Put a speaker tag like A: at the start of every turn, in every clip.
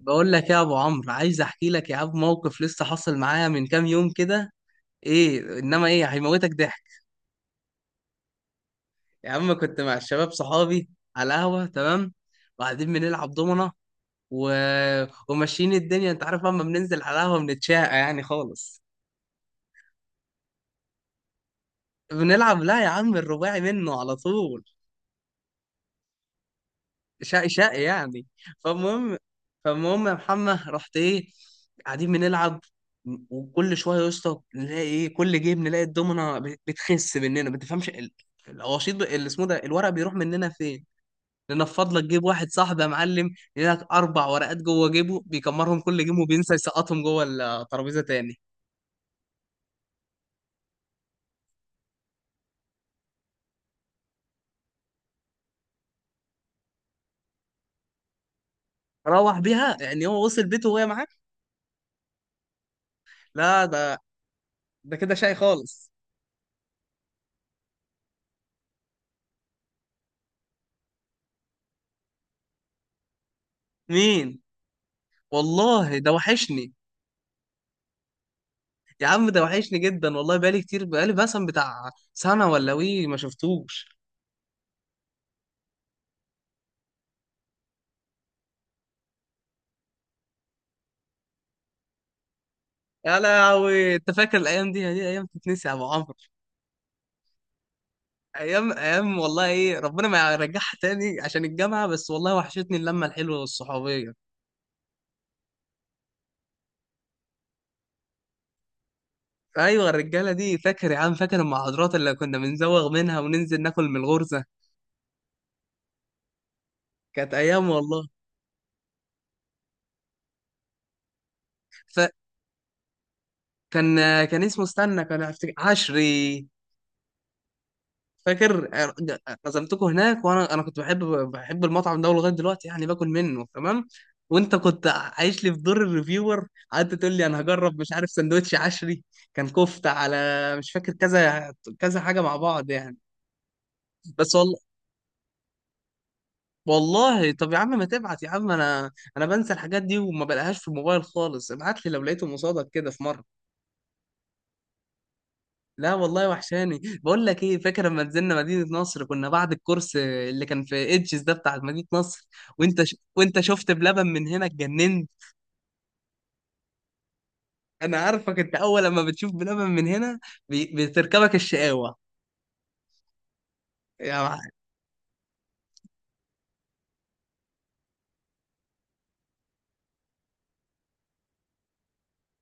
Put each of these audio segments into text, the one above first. A: بقول لك يا ابو عمرو، عايز احكي لك يا عم موقف لسه حصل معايا من كام يوم كده. ايه، انما ايه، هيموتك ضحك. يا عم، كنت مع الشباب صحابي على قهوه، تمام، وقاعدين بنلعب دومنه و... وماشيين الدنيا، انت عارف اما بننزل على قهوه بنتشاقى يعني خالص. بنلعب، لا يا عم، الرباعي منه على طول. شقي شقي يعني. فالمهم، فالمهم يا محمد، رحت ايه، قاعدين بنلعب وكل شويه يا اسطى نلاقي ايه، كل جيم نلاقي الدومنه بتخس مننا، ما تفهمش الوشيط، اللي اسمه ده، الورق بيروح مننا فين. ننفض لك جيب واحد صاحبي يا معلم، لك اربع ورقات جوه جيبه بيكمرهم كل جيم وبينسى يسقطهم جوه الترابيزه تاني. روح بيها، يعني هو وصل بيته وهي معاه. لا، ده ده كده شقي خالص. مين؟ والله ده وحشني. يا عم، ده وحشني جدا والله، بقالي كتير، بقالي مثلا بتاع سنة ولا وي ما شفتوش. يا لهوي، انت فاكر الايام دي؟ دي ايام تتنسي يا ابو عمرو؟ ايام ايام والله، ايه ربنا ما يرجعها تاني عشان الجامعة بس، والله وحشتني اللمة الحلوة والصحوبية. ايوه، الرجالة دي، فاكر يا عم؟ فاكر المحاضرات اللي كنا بنزوغ منها وننزل ناكل من الغرزة؟ كانت ايام والله. فكان، كان اسمه، استنى، عشري. فاكر عزمتكم هناك، وانا كنت بحب المطعم ده لغايه دلوقتي يعني باكل منه، تمام. وانت كنت عايش لي في دور الريفيور، قعدت تقول لي انا هجرب مش عارف سندوتش عشري. كان كفته على، مش فاكر كذا كذا حاجه مع بعض يعني. بس والله، والله طب يا عم، ما تبعت يا عم، انا بنسى الحاجات دي وما بلاقيهاش في الموبايل خالص. ابعت لي لو لقيته، مصادك كده في مره. لا والله، وحشاني. بقول لك ايه، فاكر لما نزلنا مدينة نصر كنا بعد الكورس اللي كان في ايدجز ده بتاع مدينة نصر؟ وانت شفت بلبن من هنا اتجننت. انا عارفك، انت اول لما بتشوف بلبن من هنا بتركبك الشقاوة. يا مع...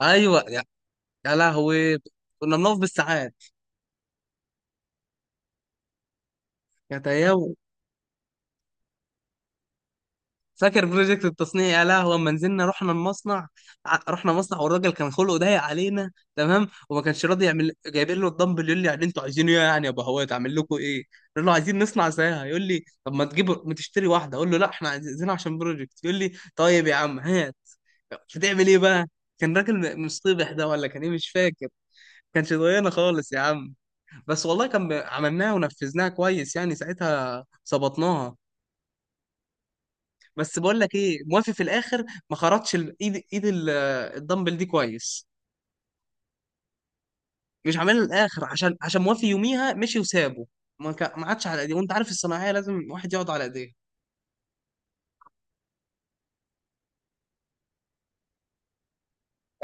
A: ايوه يا, يا لهوي، كنا بنقف بالساعات. كانت ايام. فاكر بروجكت التصنيع؟ يا لهوي لما نزلنا رحنا المصنع. رحنا مصنع والراجل كان خلقه ضيق علينا، تمام، وما كانش راضي يعمل. جايبين له الدمبل يقول لي يعني انتوا عايزينه ايه يعني يا ابو هوات، اعمل لكم ايه؟ نقول له عايزين نصنع زيها، يقول لي طب ما تجيب، ما تشتري واحده، اقول له لا احنا عايزينها عشان بروجكت، يقول لي طيب يا عم هات، هتعمل ايه بقى؟ كان راجل مصطبح ده ولا كان ايه، مش فاكر. كانش ضايقنا خالص يا عم. بس والله كان، عملناها ونفذناها كويس يعني ساعتها، ظبطناها. بس بقول لك ايه، موافي في الاخر ما خرطش ال- ايد ايد ال- الدمبل دي كويس. مش عاملها للاخر عشان، عشان موافي يوميها مشي وسابه، ما عادش على ايديه، وانت عارف الصناعيه لازم واحد يقعد على ايديه.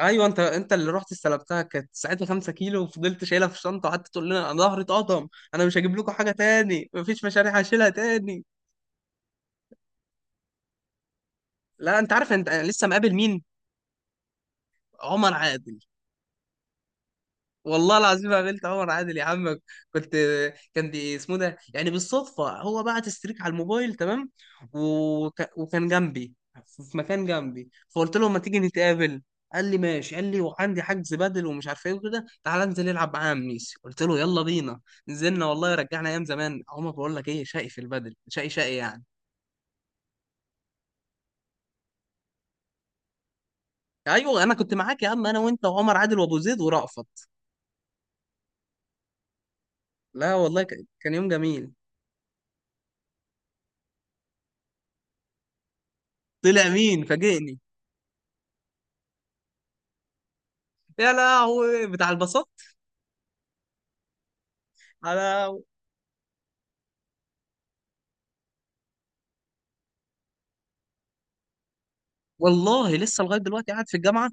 A: ايوه، انت اللي رحت استلمتها، كانت ساعتها 5 كيلو وفضلت شايلها في الشنطه وقعدت تقول لنا انا ظهري اتقطم. انا مش هجيب لكم حاجه تاني، مفيش مشاريع هشيلها تاني. لا، انت عارف انت، لسه مقابل مين؟ عمر عادل. والله العظيم ما قابلت عمر عادل، يا عم كنت. كان دي اسمه ده، يعني بالصدفه هو بعت ستريك على الموبايل، تمام، وكان جنبي، في مكان جنبي، فقلت له ما تيجي نتقابل. قال لي ماشي، قال لي وعندي حجز بدل ومش عارف ايه وكده، تعالى انزل العب معايا يا ميسي، قلت له يلا بينا. نزلنا والله، رجعنا ايام زمان. عمر، بقول لك ايه، شقي في البدل، شقي شقي يعني. ايوه، انا كنت معاك يا عم، انا وانت وعمر عادل وابو زيد ورأفت. لا والله، كان يوم جميل. طلع مين فاجئني؟ يا لهوي بتاع البساطة. انا والله لسه لغايه دلوقتي قاعد في الجامعه.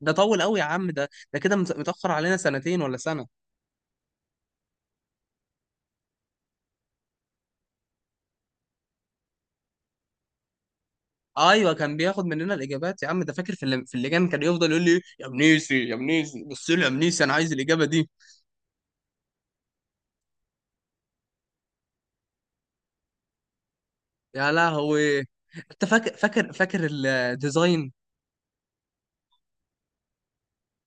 A: ده طول قوي يا عم، ده ده كده متاخر علينا سنتين ولا سنه. ايوه، كان بياخد مننا الاجابات يا عم، ده فاكر في في اللجان كان يفضل يقول لي يا منيسي، يا منيسي بص لي، يا منيسي انا عايز الاجابه دي. يا لهوي، انت فاكر، فاكر الديزاين؟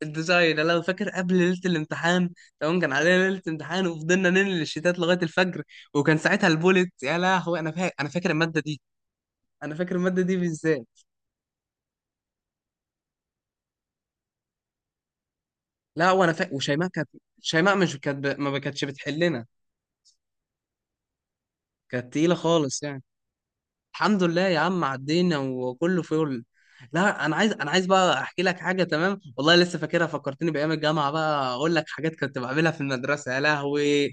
A: الديزاين، انا لو فاكر قبل ليله الامتحان، تمام، كان علينا ليله امتحان وفضلنا ننقل الشتات لغايه الفجر، وكان ساعتها البولت. يا لهوي انا فاكر، انا فاكر الماده دي. انا فاكر الماده دي بالذات. لا وانا وشيماء كانت، شيماء مش كانت ما كانتش بتحلنا. كانت تقيله خالص يعني. الحمد لله يا عم عدينا وكله فل. لا، انا عايز، انا عايز بقى احكي لك حاجه، تمام، والله لسه فاكرها، فكرتني بايام الجامعه. بقى اقول لك حاجات كنت بعملها في المدرسه، يا لهوي.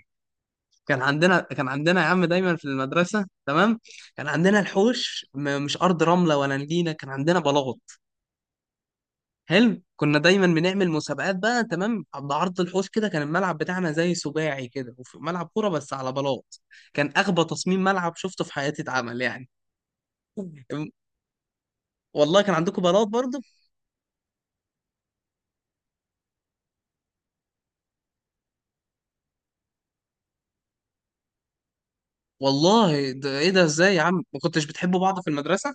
A: كان عندنا، كان عندنا يا عم دايما في المدرسه، تمام، كان عندنا الحوش، مش ارض رمله ولا نجيله، كان عندنا بلاط حلو. كنا دايما بنعمل مسابقات بقى، تمام. عند عرض الحوش كده كان الملعب بتاعنا زي سباعي كده، وفي ملعب كوره بس على بلاط. كان اغبى تصميم ملعب شفته في حياتي اتعمل يعني. والله كان عندكم بلاط برضه. والله ده ايه، ده ازاي يا عم ما كنتش بتحبوا بعض في المدرسه؟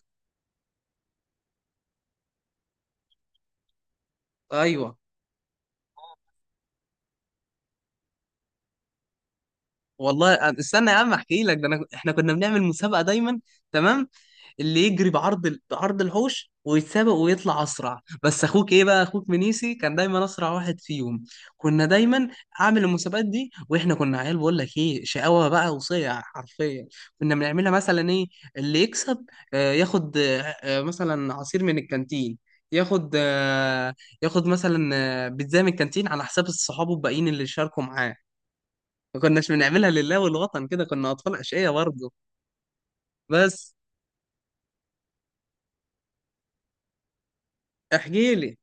A: ايوه. والله استنى يا عم احكي لك ده، احنا كنا بنعمل مسابقه دايما، تمام، اللي يجري بعرض الحوش ويتسابق ويطلع اسرع، بس اخوك ايه بقى، اخوك منيسي كان دايما اسرع واحد فيهم. كنا دايما اعمل المسابقات دي، واحنا كنا عيال، بقول لك ايه، شقاوه بقى، وصيع حرفيا. كنا بنعملها مثلا ايه، اللي يكسب ياخد، مثلا عصير من الكانتين، ياخد ياخد مثلا بيتزا من الكانتين على حساب صحابه الباقيين اللي شاركوا معاه. ما كناش بنعملها لله والوطن كده، كنا اطفال اشقياء برضه. بس. احكي لي.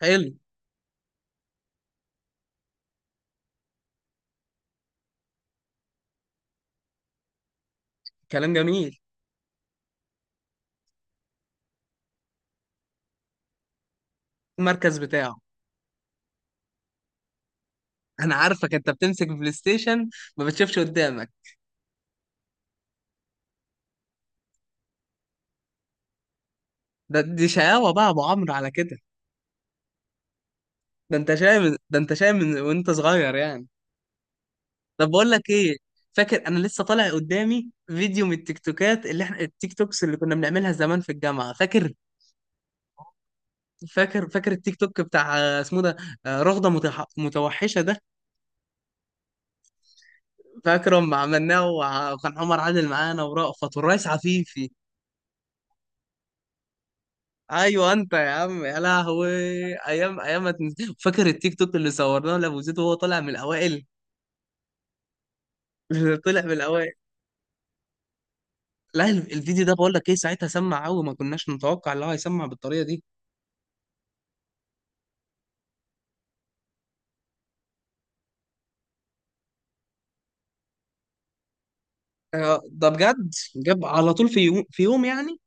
A: حلو. كلام جميل. المركز بتاعه. انا عارفك انت بتمسك بلاي ستيشن ما بتشوفش قدامك. ده دي شقاوة بقى يا ابو عمرو على كده. ده انت شايف، ده انت شايف من وانت صغير يعني. طب بقول لك ايه، فاكر انا لسه طالع قدامي فيديو من التيك توكات اللي احنا، التيك توكس اللي كنا بنعملها زمان في الجامعة، فاكر؟ فاكر التيك توك بتاع اسمه ده، رغدة متوحشة ده. فاكره لما عملناه، وكان عمر عادل معانا ورأفت والريس عفيفي. ايوه انت يا عم، يا لهوي. ايام ايام، ما تنس- فاكر التيك توك اللي صورناه لابو زيد وهو طالع من الاوائل؟ طلع من الاوائل. لا، الفيديو ده بقول لك ايه، ساعتها سمع قوي، ما كناش نتوقع ان هو هيسمع بالطريقه دي. ده بجد جاب على طول في يوم، في يوم يعني.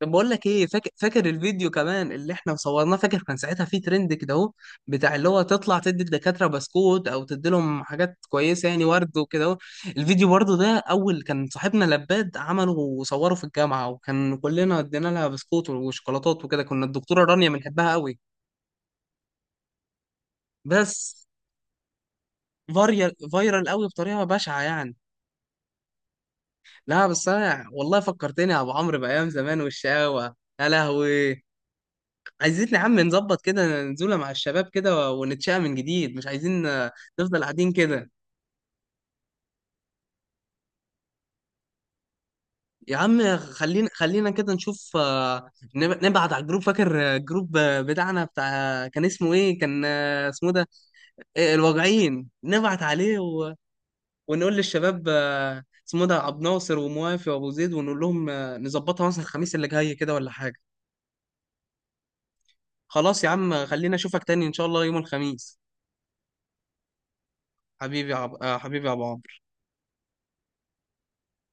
A: طب بقول لك ايه، فاكر، الفيديو كمان اللي احنا صورناه؟ فاكر كان ساعتها في ترند كده اهو، بتاع اللي هو تطلع تدي الدكاتره بسكوت، او تدي لهم حاجات كويسه يعني ورد وكده اهو. الفيديو برضه ده اول كان صاحبنا لباد عمله وصوره في الجامعه، وكان كلنا ادينا لها بسكوت وشوكولاتات وكده، كنا الدكتوره رانيا بنحبها قوي. بس فاريال، فايرال قوي بطريقه بشعه يعني. لا بس انا والله فكرتني يا ابو عمرو بايام زمان والشقاوه، يا لهوي. عايزين يا عم نظبط كده نزولة مع الشباب كده ونتشقى من جديد، مش عايزين نفضل قاعدين كده. يا عم خلينا، كده نشوف، نبعت على الجروب. فاكر الجروب بتاعنا بتاع، كان اسمه ايه، كان اسمه ده، الواجعين، نبعت عليه ونقول للشباب اسمه ده عبد ناصر وموافي وابو زيد، ونقول لهم نظبطها مثلا الخميس اللي جاي كده ولا حاجة. خلاص يا عم خلينا، اشوفك تاني ان شاء الله يوم الخميس. حبيبي يا حبيبي يا عبد.